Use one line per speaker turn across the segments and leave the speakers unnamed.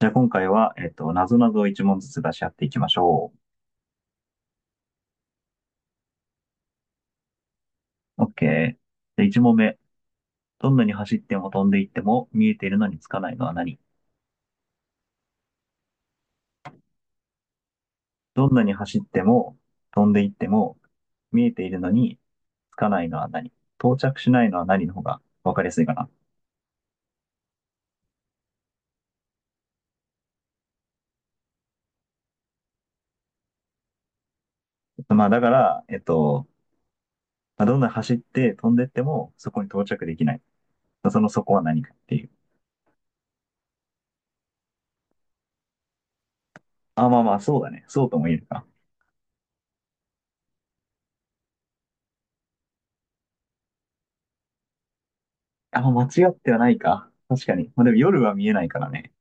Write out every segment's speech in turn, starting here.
じゃあ今回は、なぞなぞを一問ずつ出し合っていきましょう。OK。で、一問目。どんなに走っても飛んでいっても見えているのにつかないのは何？どんなに走っても飛んでいっても見えているのにつかないのは何？到着しないのは何の方がわかりやすいかな。まあだから、まあ、どんなに走って飛んでいってもそこに到着できない。そこは何かっていう。あ、まあまあ、そうだね。そうとも言えるか。あ、間違ってはないか。確かに。まあでも夜は見えないからね。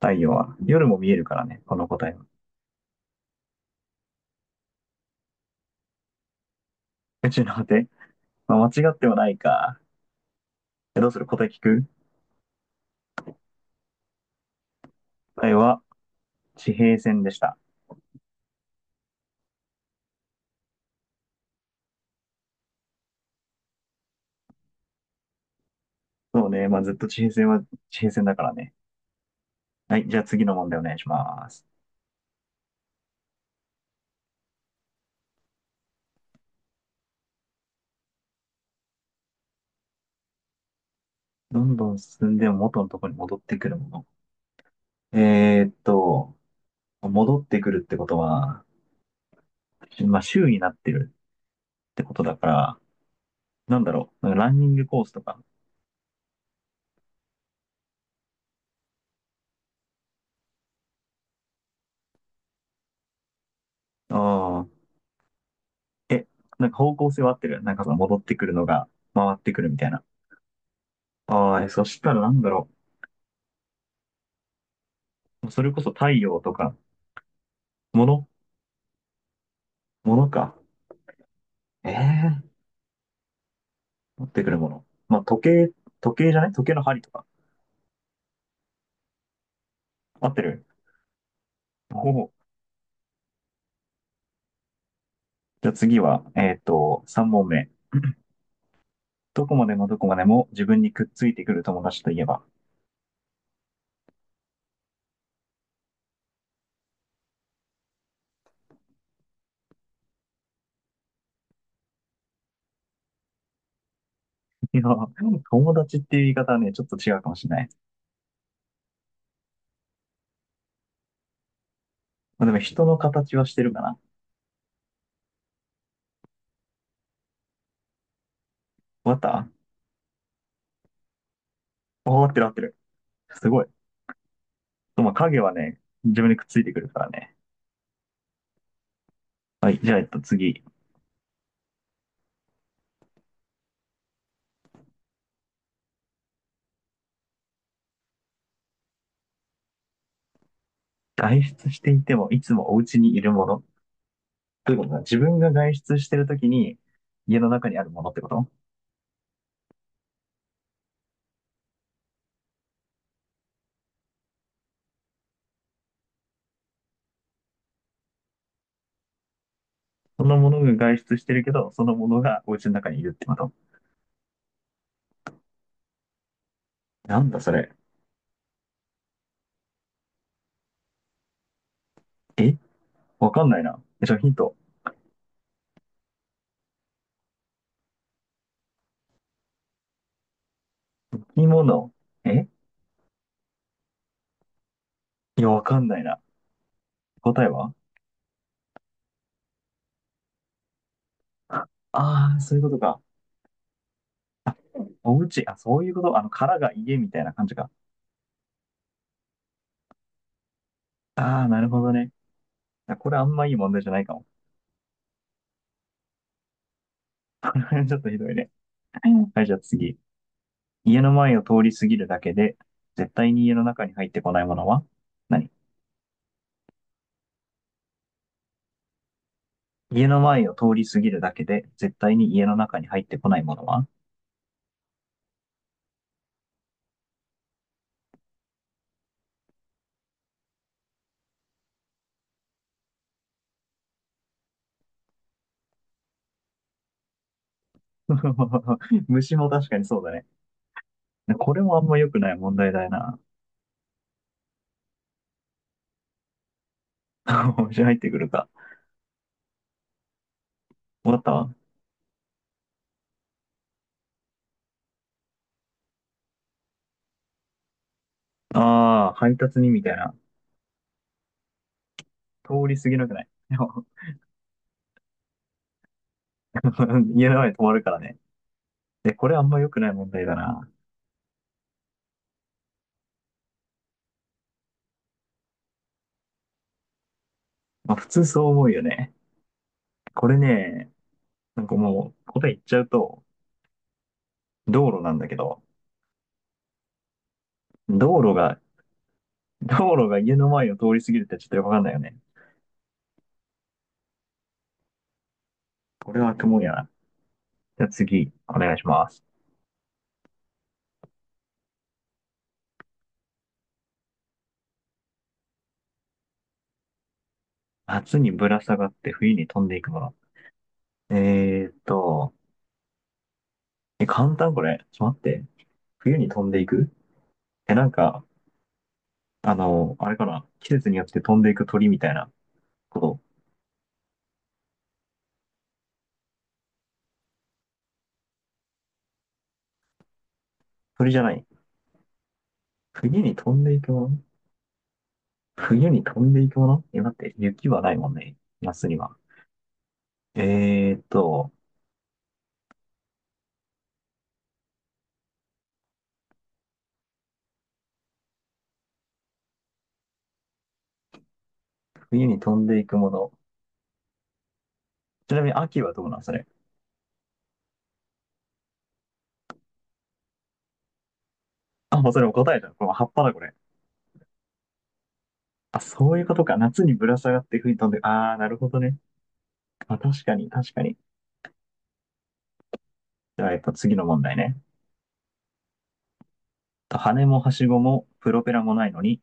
太陽は。夜も見えるからね、この答えは。宇宙の果て。まあ、間違ってはないか。どうする？答え聞く？答えは、地平線でした。そうね、まあ、ずっと地平線は地平線だからね。はい、じゃあ次の問題お願いします。どんどん進んでも元のところに戻ってくるもの。えーっと、戻ってくるってことは、まあ、周になってるってことだから、なんだろう、なんかランニングコースとか。ああ、え、なんか方向性は合ってる。なんかその戻ってくるのが回ってくるみたいな。ああ、そしたらなんだろう。それこそ太陽とか、もの、ものか。ええ持ってくるもの。まあ、時計、時計じゃない時計の針とか。合ってる？おお。じゃあ次は、3問目。どこまでもどこまでも自分にくっついてくる友達といえば。いや、友達っていう言い方はね、ちょっと違うかもしれない。まあ、でも人の形はしてるかな。わかった？あ、合ってる、合ってる。すごい。まあ、影はね、自分にくっついてくるからね。はい、じゃあ、次。外出していてもいつもお家にいるもの。ということは、自分が外出してるときに家の中にあるものってこと？そのものが外出してるけど、そのものがお家の中にいるってこと？なんだそれ。えわかんないな。え、ちょ、ヒント。生き物。えいや、わかんないな。答えは？ああー、そういうことか。お家、あ、そういうこと。あの、殻が家みたいな感じか。ああ、なるほどね。あ、これあんまいい問題じゃないかも。ちょっとひどいね。はい、じゃあ次。家の前を通り過ぎるだけで、絶対に家の中に入ってこないものは何？家の前を通り過ぎるだけで、絶対に家の中に入ってこないものは？ 虫も確かにそうだね。これもあんま良くない問題だよな。虫入ってくるか。わかったわ。ああ、配達にみたいな。通り過ぎなくない？ 家の前に止まるからね。で、これあんま良くない問題だな。まあ普通そう思うよね。これね、なんかもう答え言っちゃうと、道路なんだけど、道路が道路が家の前を通り過ぎるってちょっとよくわかんないよね。これは雲やな。じゃあ次、お願いします。夏にぶら下がって冬に飛んでいくもの。えーっと、え、簡単これ。ちょっと待って。冬に飛んでいく。なんか、あれかな。季節によって飛んでいく鳥みたいなこと。鳥じゃない？冬に飛んでいくもの。冬に飛んでいくもの。待って、雪はないもんね。夏には。えーっと、冬に飛んでいくもの。ちなみに秋はどうなんそれ？あ、もうそれも答えじゃん。これも葉っぱだ、これ。あ、そういうことか。夏にぶら下がって吹い飛んで、ああ、なるほどね。まあ、確かに、確かに。じゃあ、やっぱ次の問題ね。羽もはしごもプロペラもないのに、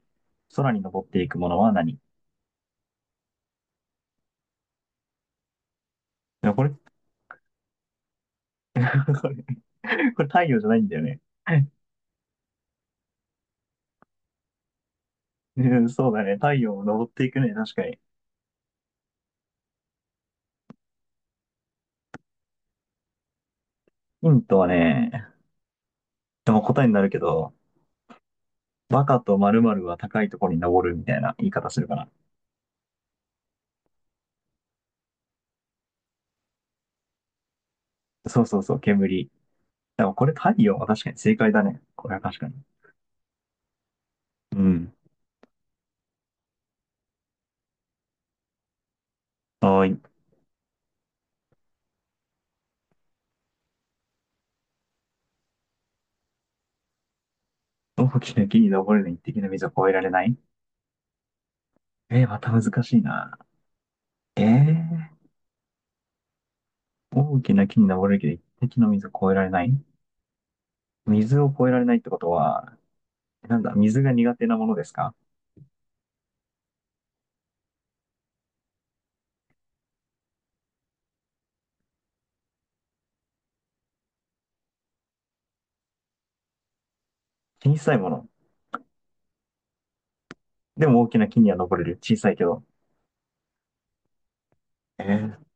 空に登っていくものは何い？やこれ、これこれ太陽じゃないんだよね。うん、そうだね。太陽を登っていくね。確かに。ヒントはね、でも答えになるけど、バカと〇〇は高いところに登るみたいな言い方するかな。そうそうそう、煙。でもこれ太陽は確かに正解だね。これは確かに。うん。はーい。大きな木に登るのに一滴の水を越えられない？えー、また難しいな。えー、大きな木に登るけど一滴の水を越えられない。水を越えられないってことは、なんだ、水が苦手なものですか？小さいもの。でも大きな木には登れる。小さいけど。え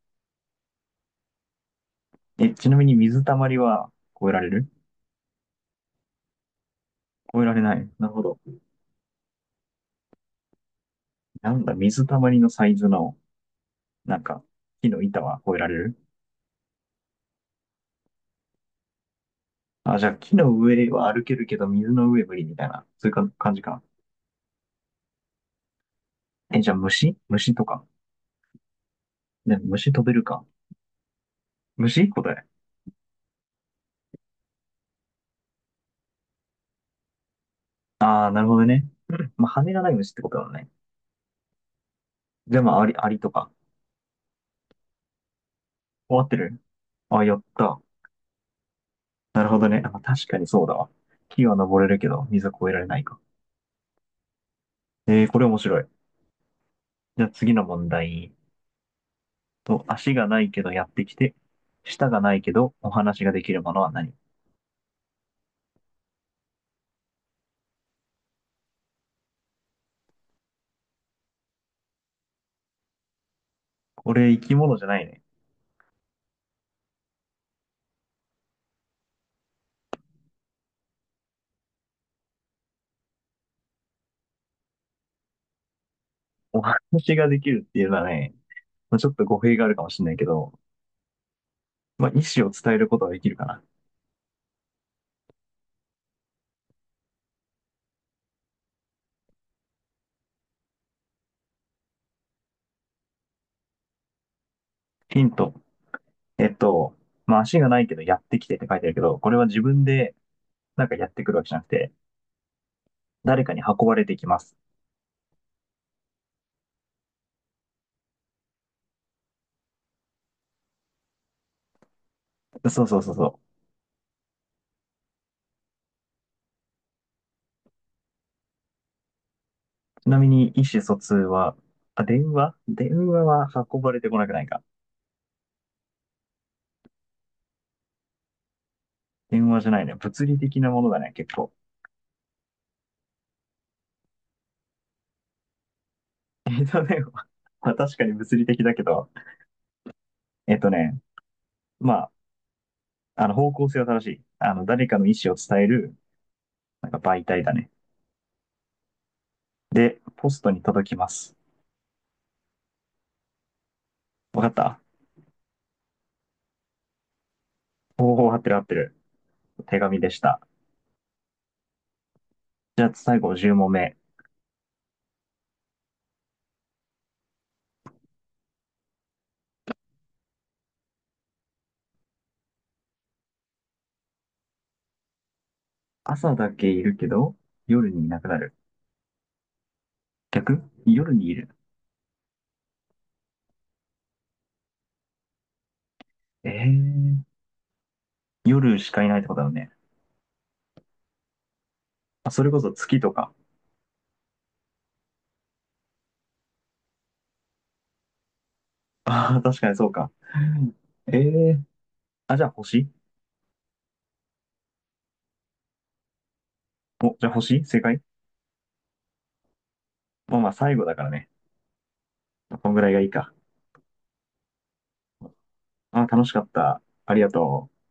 ちなみに水たまりは越えられる？越えられない。なるほど。なんだ、水たまりのサイズの、なんか、木の板は越えられる？あ、じゃあ木の上は歩けるけど水の上無理みたいな。そういうか感じかな。え、じゃあ虫とか。でも虫飛べるか。虫答え？ああ、なるほどね。うん、まあ、羽がない虫ってことだもんね。じゃあまあ、アリとか。終わってる？あ、やった。なるほどね。あ、確かにそうだわ。木は登れるけど、水は越えられないか。えー、これ面白い。じゃあ次の問題。と、足がないけどやってきて、舌がないけどお話ができるものは何？これ生き物じゃないね。お話ができるっていうのはね、まあ、ちょっと語弊があるかもしれないけど、まあ、意思を伝えることができるかな。ヒント。えっと、まあ、足がないけどやってきてって書いてあるけど、これは自分でなんかやってくるわけじゃなくて、誰かに運ばれてきます。そうそうそうそう。ちなみに意思疎通は、あ、電話、電話は運ばれてこなくないか。電話じゃないね。物理的なものだね、結構。えっとね、まあ確かに物理的だけど、えっとね、まあ、あの方向性は正しい。誰かの意思を伝える、なんか媒体だね。で、ポストに届きます。わかった？おお、合ってる、合ってる。手紙でした。じゃあ最後10問目。朝だけいるけど、夜にいなくなる。逆。夜にいる。ええー、夜しかいないってことだよね。あ、それこそ月とか。ああ、確かにそうか。ええー、あ、じゃあ星？お、じゃあ星、正解？まあまあ最後だからね。こんぐらいがいいか。あー、楽しかった。ありがとう。